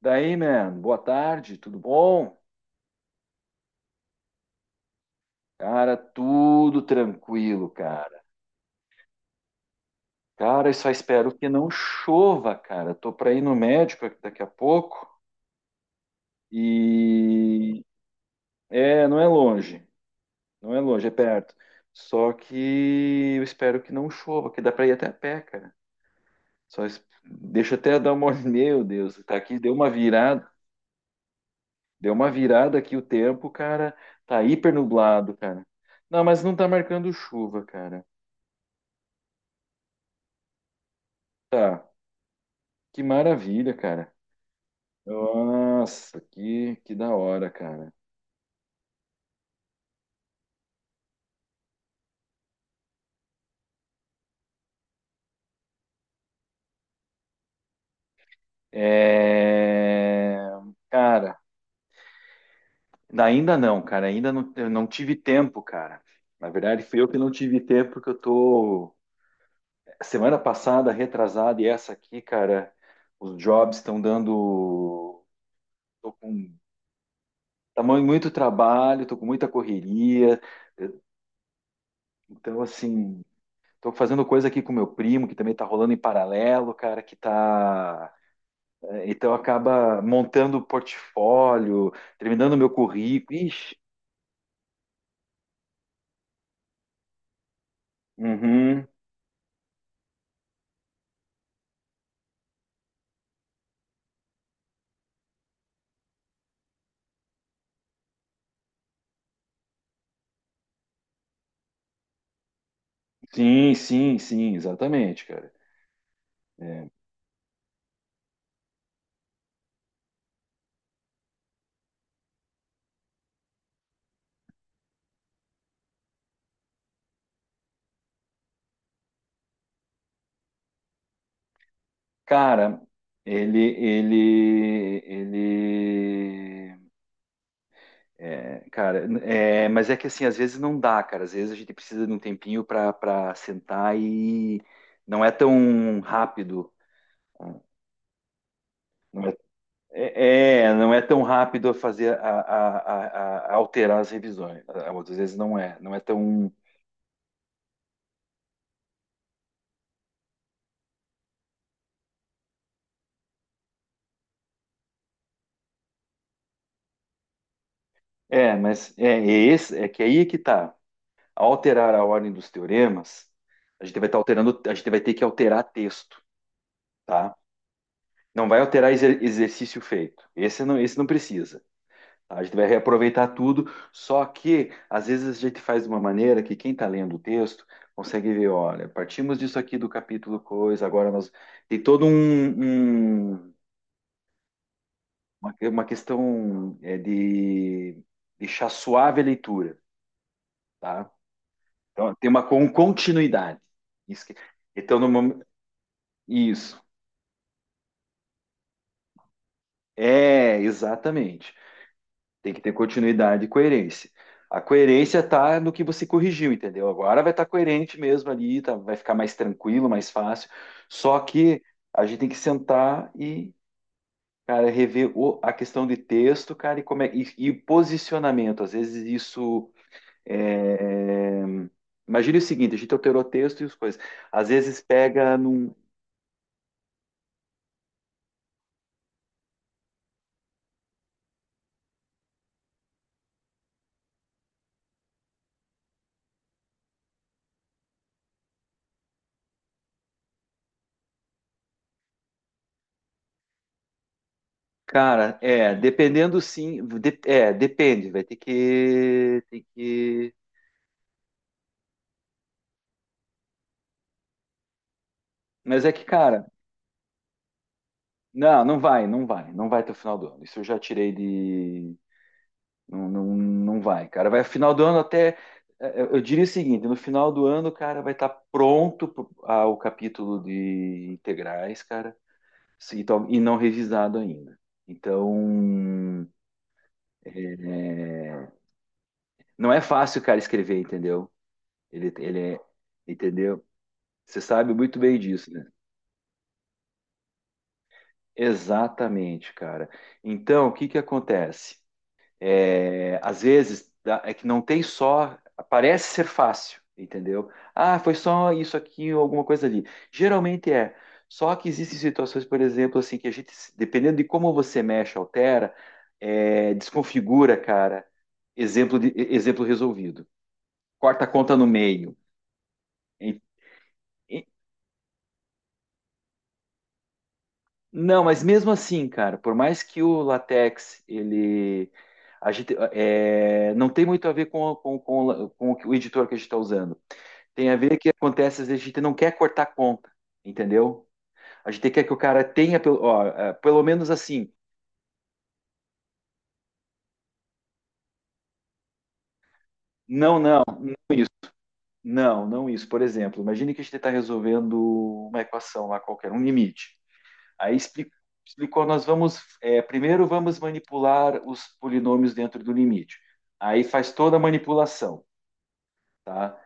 Daí, man, boa tarde, tudo bom? Cara, tudo tranquilo, cara. Cara, eu só espero que não chova, cara. Tô pra ir no médico aqui daqui a pouco e é, não é longe, não é longe, é perto. Só que eu espero que não chova, que dá pra ir até a pé, cara. Deixa eu até dar uma, olhada. Meu Deus, tá aqui, deu uma virada aqui o tempo, cara. Tá hiper nublado, cara. Não, mas não tá marcando chuva, cara. Tá. Que maravilha, cara. Nossa, que da hora, cara. É... Cara, cara. Ainda não, eu não tive tempo, cara. Na verdade, fui eu que não tive tempo, porque eu tô. Semana passada, retrasada, e essa aqui, cara, os jobs estão dando. Tô com tamanho muito trabalho, tô com muita correria. eh, Então, assim, tô fazendo coisa aqui com meu primo, que também tá rolando em paralelo, cara, que tá. É, então acaba montando o portfólio, terminando o meu currículo. Ixi, uhum. Sim, sim, sim, exatamente, cara. É. Cara, ele, é, cara, é, mas é que assim, às vezes não dá, cara. Às vezes a gente precisa de um tempinho para sentar e não é tão rápido. Ah, não é, é, não é tão rápido fazer a alterar as revisões. Às vezes não é, não é tão. É, mas é, é esse, é que aí é que tá. Ao alterar a ordem dos teoremas, a gente vai estar alterando, a gente vai ter que alterar texto, tá? Não vai alterar exercício feito. Esse não precisa. Tá? A gente vai reaproveitar tudo, só que às vezes a gente faz de uma maneira que quem está lendo o texto consegue ver, olha, partimos disso aqui do capítulo coisa, agora nós tem todo uma questão é, de deixar suave a leitura, tá? Então, tem uma continuidade. Isso que... Então, no momento. Isso. É, exatamente. Tem que ter continuidade e coerência. A coerência está no que você corrigiu, entendeu? Agora vai estar coerente mesmo ali, tá- vai ficar mais tranquilo, mais fácil. Só que a gente tem que sentar e, cara, rever o- a questão de texto, cara, e, como é- e o posicionamento. Às vezes isso. É, imagine o seguinte: a gente alterou o texto e as coisas. Às vezes pega num. Cara, é, dependendo sim, de- é, depende, vai ter que, tem que, mas é que, cara, não, não vai, não vai, não vai até o final do ano, isso eu já tirei de, não, não, não vai, cara, vai final do ano até, é, eu diria o seguinte, no final do ano, cara, vai estar pronto pro- ah, o capítulo de integrais, cara, e tal- e não revisado ainda, então, é, é, não é fácil, cara, escrever, entendeu? Ele é, entendeu? Você sabe muito bem disso, né? Exatamente, cara. Então, o que que acontece? É, às vezes dá- é que não tem só, parece ser fácil, entendeu? Ah, foi só isso aqui ou alguma coisa ali. Geralmente é. Só que existem situações, por exemplo, assim, que a gente, dependendo de como você mexe, altera, é, desconfigura, cara. Exemplo de, exemplo resolvido. Corta a conta no meio. E- e- Não, mas mesmo assim, cara, por mais que o latex, ele. A gente, é, não tem muito a ver com, o la- com o que- o editor que a gente está usando. Tem a ver que acontece, às vezes a gente não quer cortar conta, entendeu? A gente quer que o cara tenha, pelo- ó, é, pelo menos assim, não, não, não isso, não, não isso. Por exemplo, imagine que a gente está resolvendo uma equação lá qualquer, um limite. Aí explicou, nós vamos, é, primeiro vamos manipular os polinômios dentro do limite. Aí faz toda a manipulação, tá?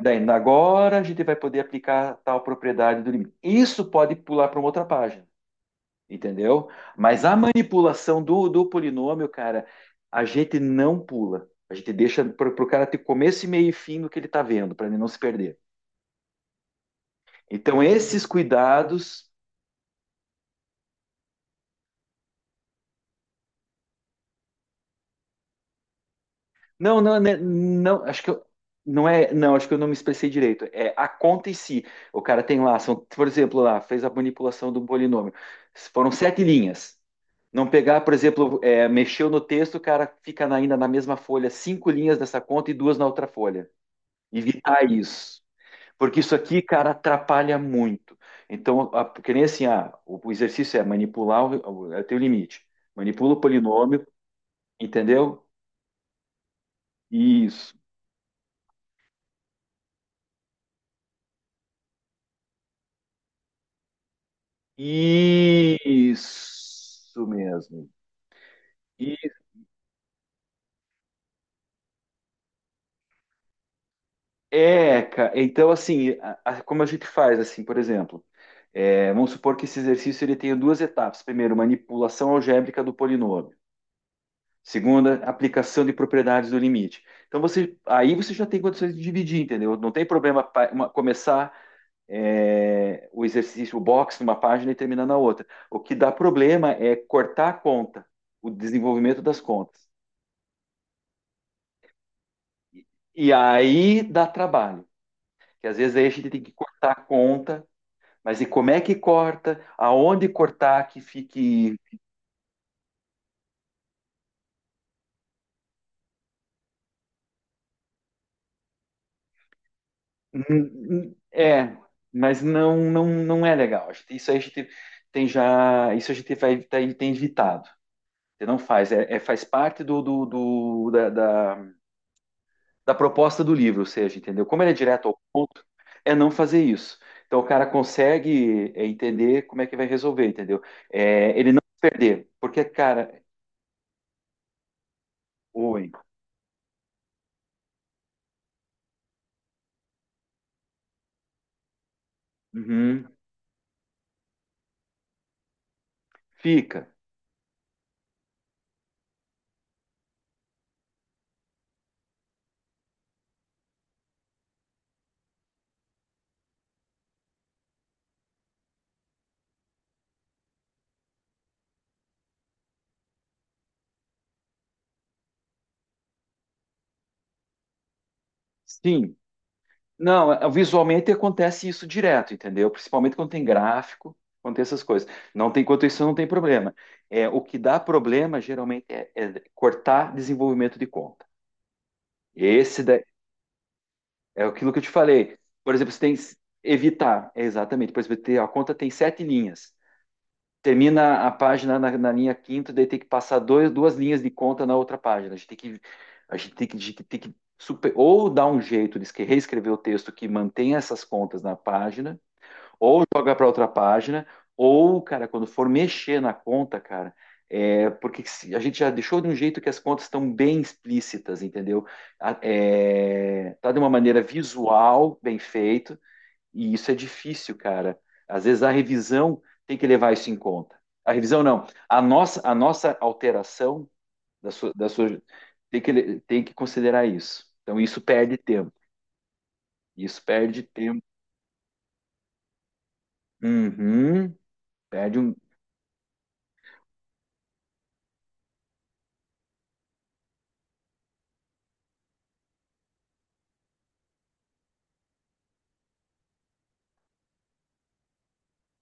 Daí, agora a gente vai poder aplicar tal propriedade do limite. Isso pode pular para uma outra página, entendeu? Mas a manipulação do polinômio, cara, a gente não pula. A gente deixa para o cara ter começo meio e fim do que ele está vendo, para ele não se perder. Então, esses cuidados. Não, não, né, não, acho que eu, não é, não, acho que eu não me expressei direito. É a conta em si. O cara tem lá, são, por exemplo, lá, fez a manipulação do polinômio. Foram sete linhas. Não pegar, por exemplo, é, mexeu no texto, o cara fica na- ainda na mesma folha, cinco linhas dessa conta e duas na outra folha. Evitar isso. Porque isso aqui, cara, atrapalha muito. Então, a, que nem assim, ah, o exercício é manipular é o teu limite. Manipula o polinômio, entendeu? Isso. Isso mesmo. E é, ca- então assim, a- como a gente faz assim, por exemplo, é, vamos supor que esse exercício ele tenha duas etapas. Primeiro, manipulação algébrica do polinômio. Segunda, aplicação de propriedades do limite. Então você, aí você já tem condições de dividir, entendeu? Não tem problema pa- uma- começar é, o exercício, o box numa página e terminar na outra. O que dá problema é cortar a conta, o desenvolvimento das contas. E aí dá trabalho, que às vezes aí a gente tem que cortar a conta, mas e como é que corta? Aonde cortar que fique. Hum. É, mas não, não, não é legal. A gente- isso aí a gente tem já. Isso a gente vai, tem, tem evitado. Você não faz, é, é- faz parte da, da, da proposta do livro, ou seja, entendeu? Como ele é direto ao ponto, é não fazer isso. Então o cara consegue é, entender como é que vai resolver, entendeu? É, ele não se perder, porque, cara. Oi. Uhum. Fica. Sim. Não, é- visualmente acontece isso direto, entendeu? Principalmente quando tem gráfico, quando tem essas coisas. Não tem, quanto isso não tem problema. É, o que dá problema geralmente é, é cortar desenvolvimento de conta. Esse da- é aquilo que eu te falei. Por exemplo, você tem que evitar, é exatamente. Por exemplo, tem- a conta tem sete linhas. Termina a página na, na linha quinta, daí tem que passar dois, duas linhas de conta na outra página. A gente tem que super- ou dar um jeito de esque- reescrever o texto que mantenha essas contas na página, ou jogar para outra página, ou, cara, quando for mexer na conta, cara, é porque se- a gente já deixou de um jeito que as contas estão bem explícitas, entendeu? A- é, tá de uma maneira visual, bem feito, e isso é difícil, cara. Às vezes a revisão tem que levar isso em conta. A revisão não. A nossa alteração da sua, tem que, tem que considerar isso. Então isso perde tempo. Isso perde tempo. Uhum, perde um.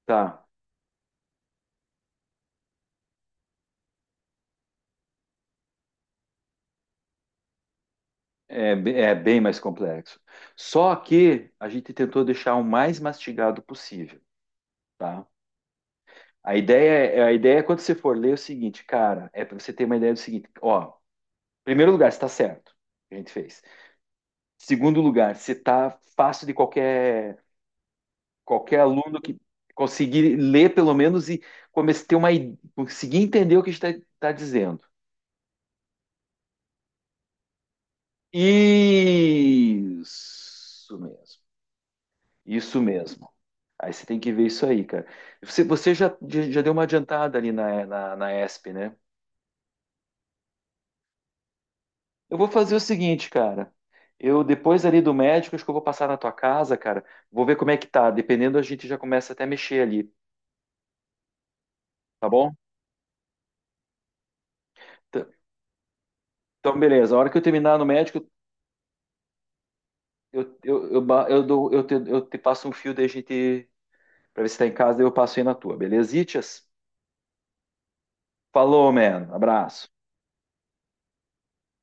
Tá. É, be- é bem mais complexo. Só que a gente tentou deixar o mais mastigado possível, tá? A ideia é quando você for ler é o seguinte, cara, é para você ter uma ideia do seguinte, ó, em primeiro lugar, está certo o que a gente fez. Segundo lugar, se tá fácil de qualquer aluno que conseguir ler pelo menos e começar a ter uma i- conseguir entender o que está tá dizendo. Isso mesmo. Isso mesmo. Aí você tem que ver isso aí, cara. Você, você já, já deu uma adiantada ali na ESP, né? Eu vou fazer o seguinte, cara. Eu, depois ali do médico, acho que eu vou passar na tua casa, cara. Vou ver como é que tá. Dependendo, a gente já começa até a mexer ali, tá bom? Então, beleza. A hora que eu terminar no médico, eu, ba- eu, dou- eu te passo um fio da gente para ver se tá em casa, daí eu passo aí na tua, beleza? Itias? Falou, man. Abraço.